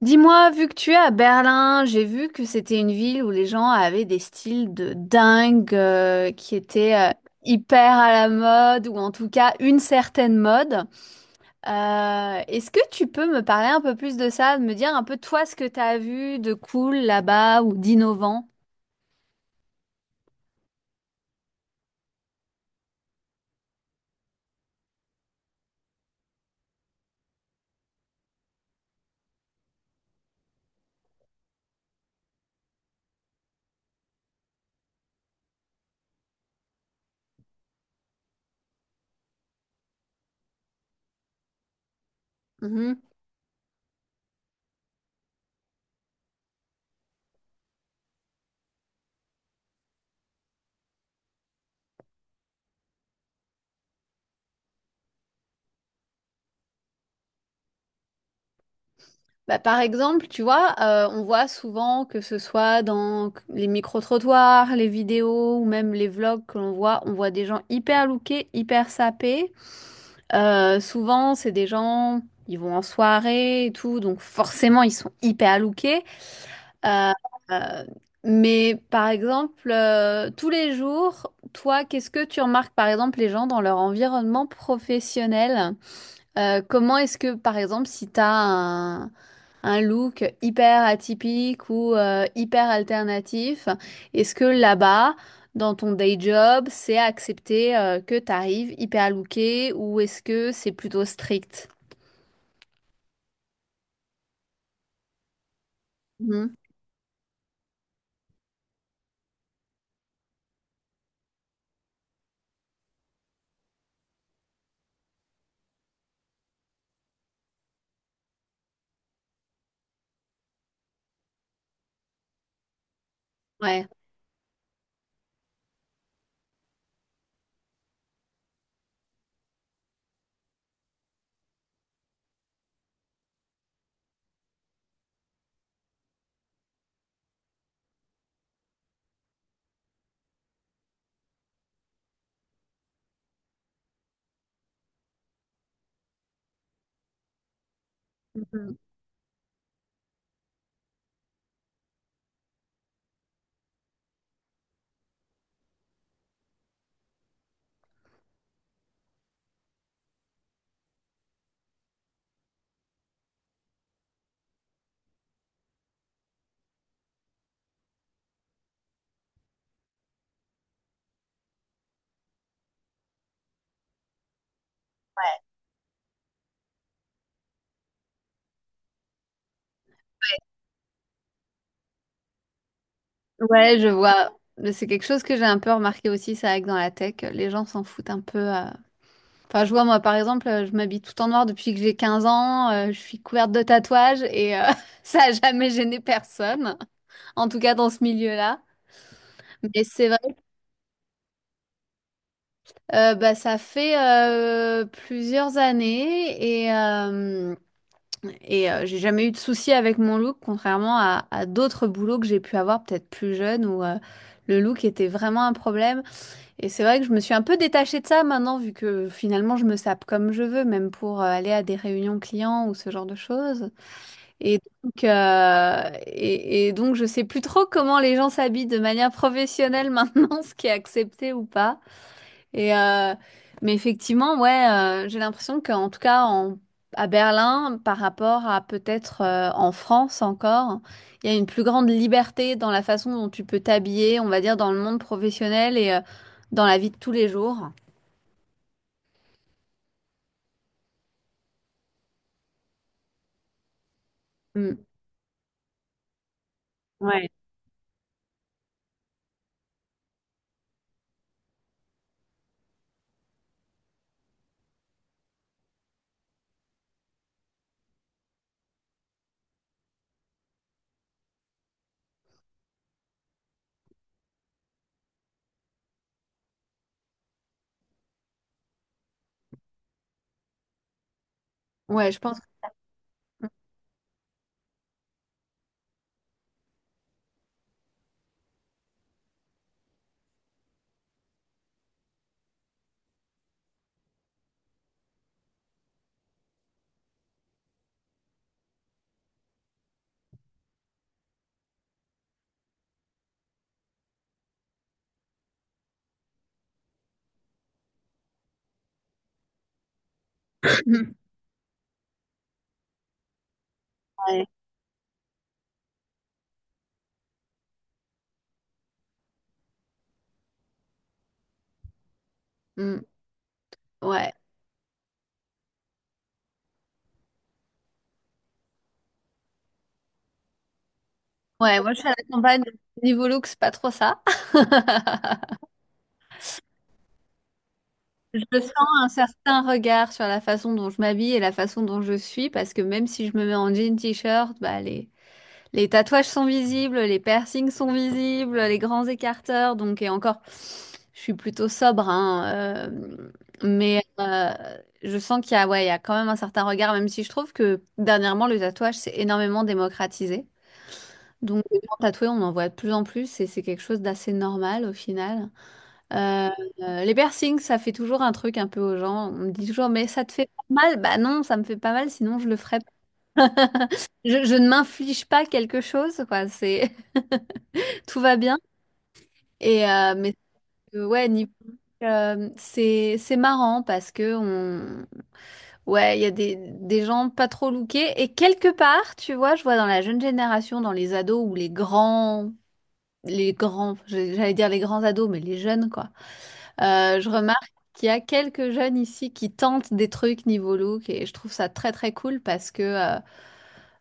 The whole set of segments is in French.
Dis-moi, vu que tu es à Berlin, j'ai vu que c'était une ville où les gens avaient des styles de dingue, qui étaient hyper à la mode ou en tout cas une certaine mode. Est-ce que tu peux me parler un peu plus de ça, de me dire un peu toi ce que tu as vu de cool là-bas ou d'innovant? Mhm. Bah, par exemple, tu vois, on voit souvent que ce soit dans les micro-trottoirs, les vidéos ou même les vlogs que l'on voit, on voit des gens hyper lookés, hyper sapés. Souvent, c'est des gens, ils vont en soirée et tout, donc forcément, ils sont hyper lookés. Euh, euh, mais par exemple, tous les jours, toi, qu'est-ce que tu remarques, par exemple, les gens dans leur environnement professionnel? Comment est-ce que, par exemple, si t'as un look hyper atypique ou hyper alternatif, est-ce que là-bas, dans ton day job, c'est accepté que t'arrives hyper looké ou est-ce que c'est plutôt strict? Mhm. Ouais. Mhm. Ouais, je vois. Mais c'est quelque chose que j'ai un peu remarqué aussi, c'est vrai que dans la tech, les gens s'en foutent un peu. Enfin, je vois, moi, par exemple, je m'habille tout en noir depuis que j'ai 15 ans, je suis couverte de tatouages et ça a jamais gêné personne, en tout cas dans ce milieu-là. Mais c'est vrai, bah, ça fait plusieurs années et j'ai jamais eu de soucis avec mon look, contrairement à d'autres boulots que j'ai pu avoir peut-être plus jeune où le look était vraiment un problème. Et c'est vrai que je me suis un peu détachée de ça maintenant, vu que finalement je me sape comme je veux, même pour aller à des réunions clients ou ce genre de choses. Et donc, je sais plus trop comment les gens s'habillent de manière professionnelle maintenant, ce qui est accepté ou pas. Et euh, mais effectivement, ouais, j'ai l'impression qu'en tout cas à Berlin, par rapport à peut-être en France encore, il y a une plus grande liberté dans la façon dont tu peux t'habiller, on va dire, dans le monde professionnel et dans la vie de tous les jours. Mm. Ouais. Ouais, je pense que. Ouais. Mm. Ouais. Ouais, moi je suis à la campagne, donc niveau look, c'est pas trop ça. Je sens un certain regard sur la façon dont je m'habille et la façon dont je suis, parce que même si je me mets en jean t-shirt, bah les tatouages sont visibles, les piercings sont visibles, les grands écarteurs, donc et encore, je suis plutôt sobre, hein, mais je sens qu'il y a, ouais, il y a quand même un certain regard, même si je trouve que dernièrement le tatouage s'est énormément démocratisé. Donc les gens tatoués, on en voit de plus en plus et c'est quelque chose d'assez normal au final. Euh, les piercings, ça fait toujours un truc un peu aux gens. On me dit toujours, mais ça te fait pas mal? Bah non, ça me fait pas mal, sinon je le ferais. Je ne m'inflige pas quelque chose, quoi. C'est, tout va bien. Mais ouais, niveau c'est marrant parce que on ouais, il y a des gens pas trop lookés. Et quelque part, tu vois, je vois dans la jeune génération, dans les ados ou les grands, j'allais dire les grands ados, mais les jeunes, quoi. Je remarque qu'il y a quelques jeunes ici qui tentent des trucs niveau look et je trouve ça très très cool parce que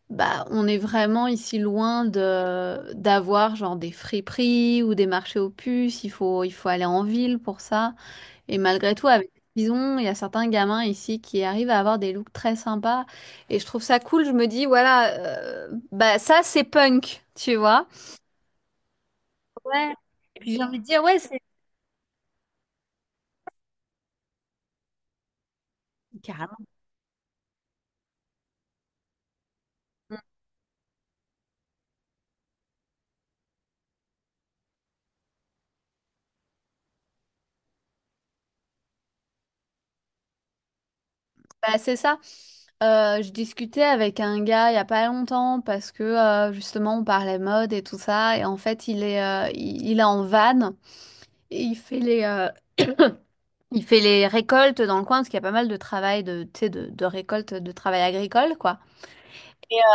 bah, on est vraiment ici loin de d'avoir genre des friperies ou des marchés aux puces. Il faut aller en ville pour ça. Et malgré tout, avec Bison, il y a certains gamins ici qui arrivent à avoir des looks très sympas. Et je trouve ça cool. Je me dis voilà, bah ça c'est punk, tu vois. Ouais. Et puis j'ai envie de dire ouais, c'est bah, c'est ça. Je discutais avec un gars il y a pas longtemps parce que justement on parlait mode et tout ça et en fait il est en van. Et il fait il fait les récoltes dans le coin parce qu'il y a pas mal de travail de, tu sais, de récolte, de travail agricole, quoi.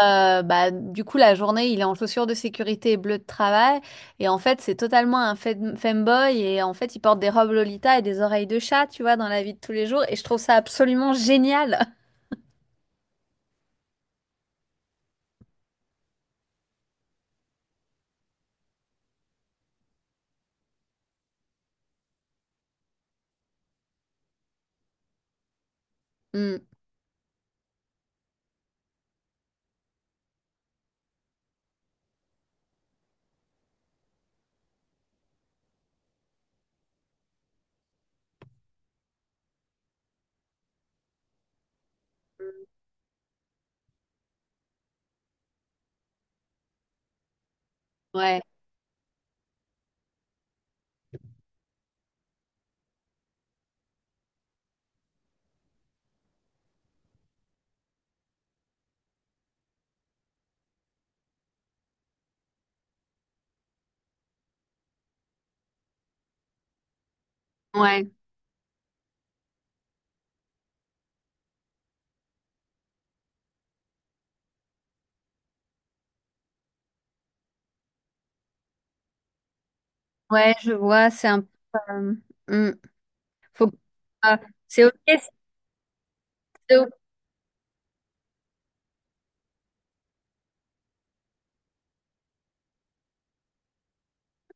Bah, du coup, la journée, il est en chaussures de sécurité et bleu de travail. Et en fait, c'est totalement un femboy. Et en fait, il porte des robes Lolita et des oreilles de chat, tu vois, dans la vie de tous les jours. Et je trouve ça absolument génial. Hmm. Ouais, ouais, ouais, je vois. C'est un peu. euh, hmm. Faut que- ah, c'est ok. si t'es au-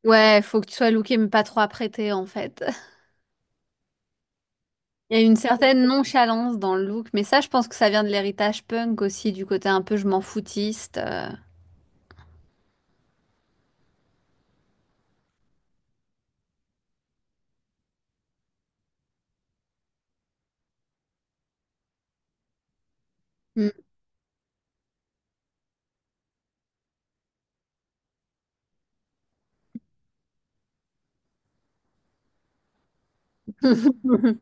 Ouais, faut que tu sois looké, mais pas trop apprêté, en fait. Il y a une certaine nonchalance dans le look, mais ça, je pense que ça vient de l'héritage punk aussi, du côté un peu je m'en foutiste. Mm.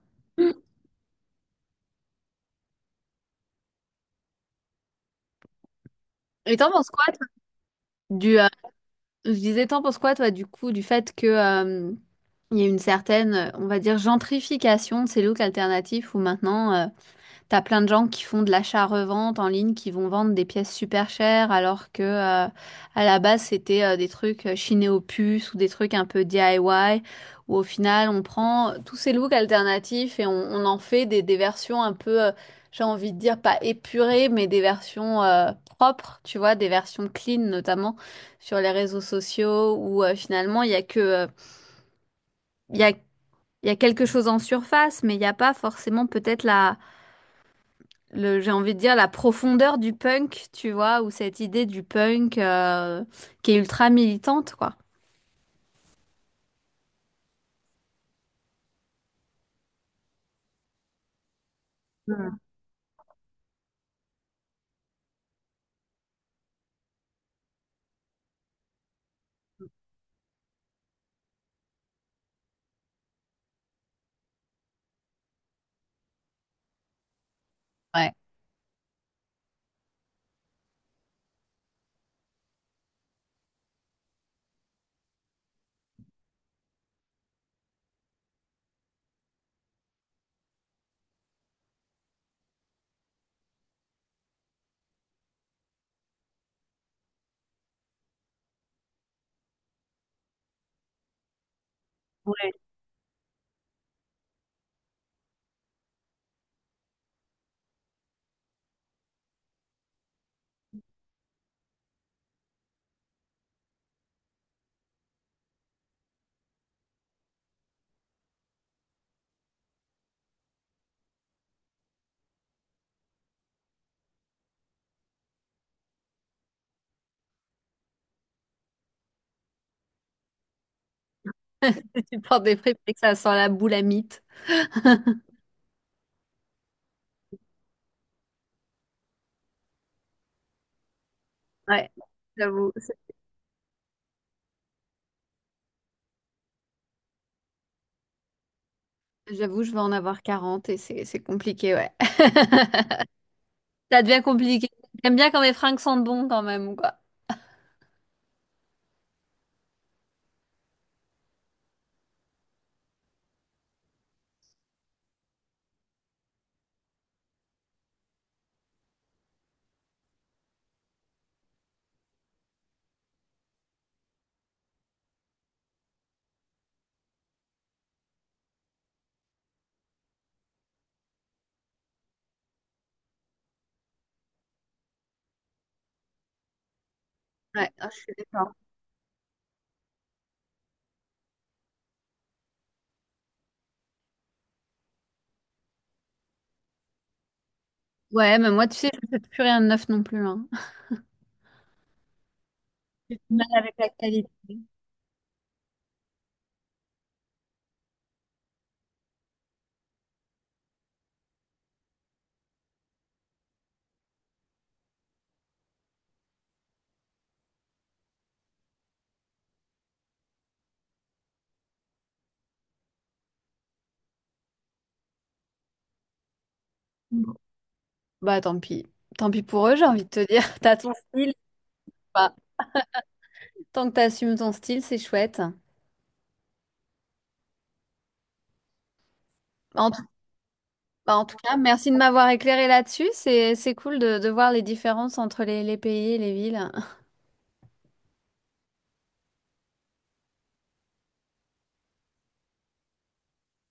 Et t'en penses quoi, toi, du, euh, je disais, t'en penses quoi, toi, du coup, du fait que, il y a une certaine, on va dire, gentrification de ces looks alternatifs où maintenant, t'as plein de gens qui font de l'achat-revente en ligne, qui vont vendre des pièces super chères, alors que à la base c'était des trucs chinés aux puces ou des trucs un peu DIY, où au final on prend tous ces looks alternatifs et on en fait des versions un peu, j'ai envie de dire pas épurées, mais des versions propres, tu vois, des versions clean notamment sur les réseaux sociaux, où finalement il y a que, il y a quelque chose en surface, mais il n'y a pas forcément peut-être j'ai envie de dire la profondeur du punk, tu vois, ou cette idée du punk qui est ultra militante, quoi. Hmm. Ouais, tu portes des fripes et que ça sent la boule à mythe. Ouais, j'avoue. J'avoue, je vais en avoir quarante et c'est compliqué, ouais. Ça devient compliqué. J'aime bien quand mes fringues sentent bon quand même, quoi. Ouais, ah, je suis d'accord. Ouais, mais moi, tu sais, je ne fais plus rien de neuf non plus, hein. J'ai du mal avec la qualité. Bah, tant pis. Tant pis pour eux, j'ai envie de te dire. T'as ton style. Tant que tu assumes ton style, c'est chouette. En tout, Bah, en tout cas, merci de m'avoir éclairé là-dessus. C'est cool de voir les différences entre les pays et les villes.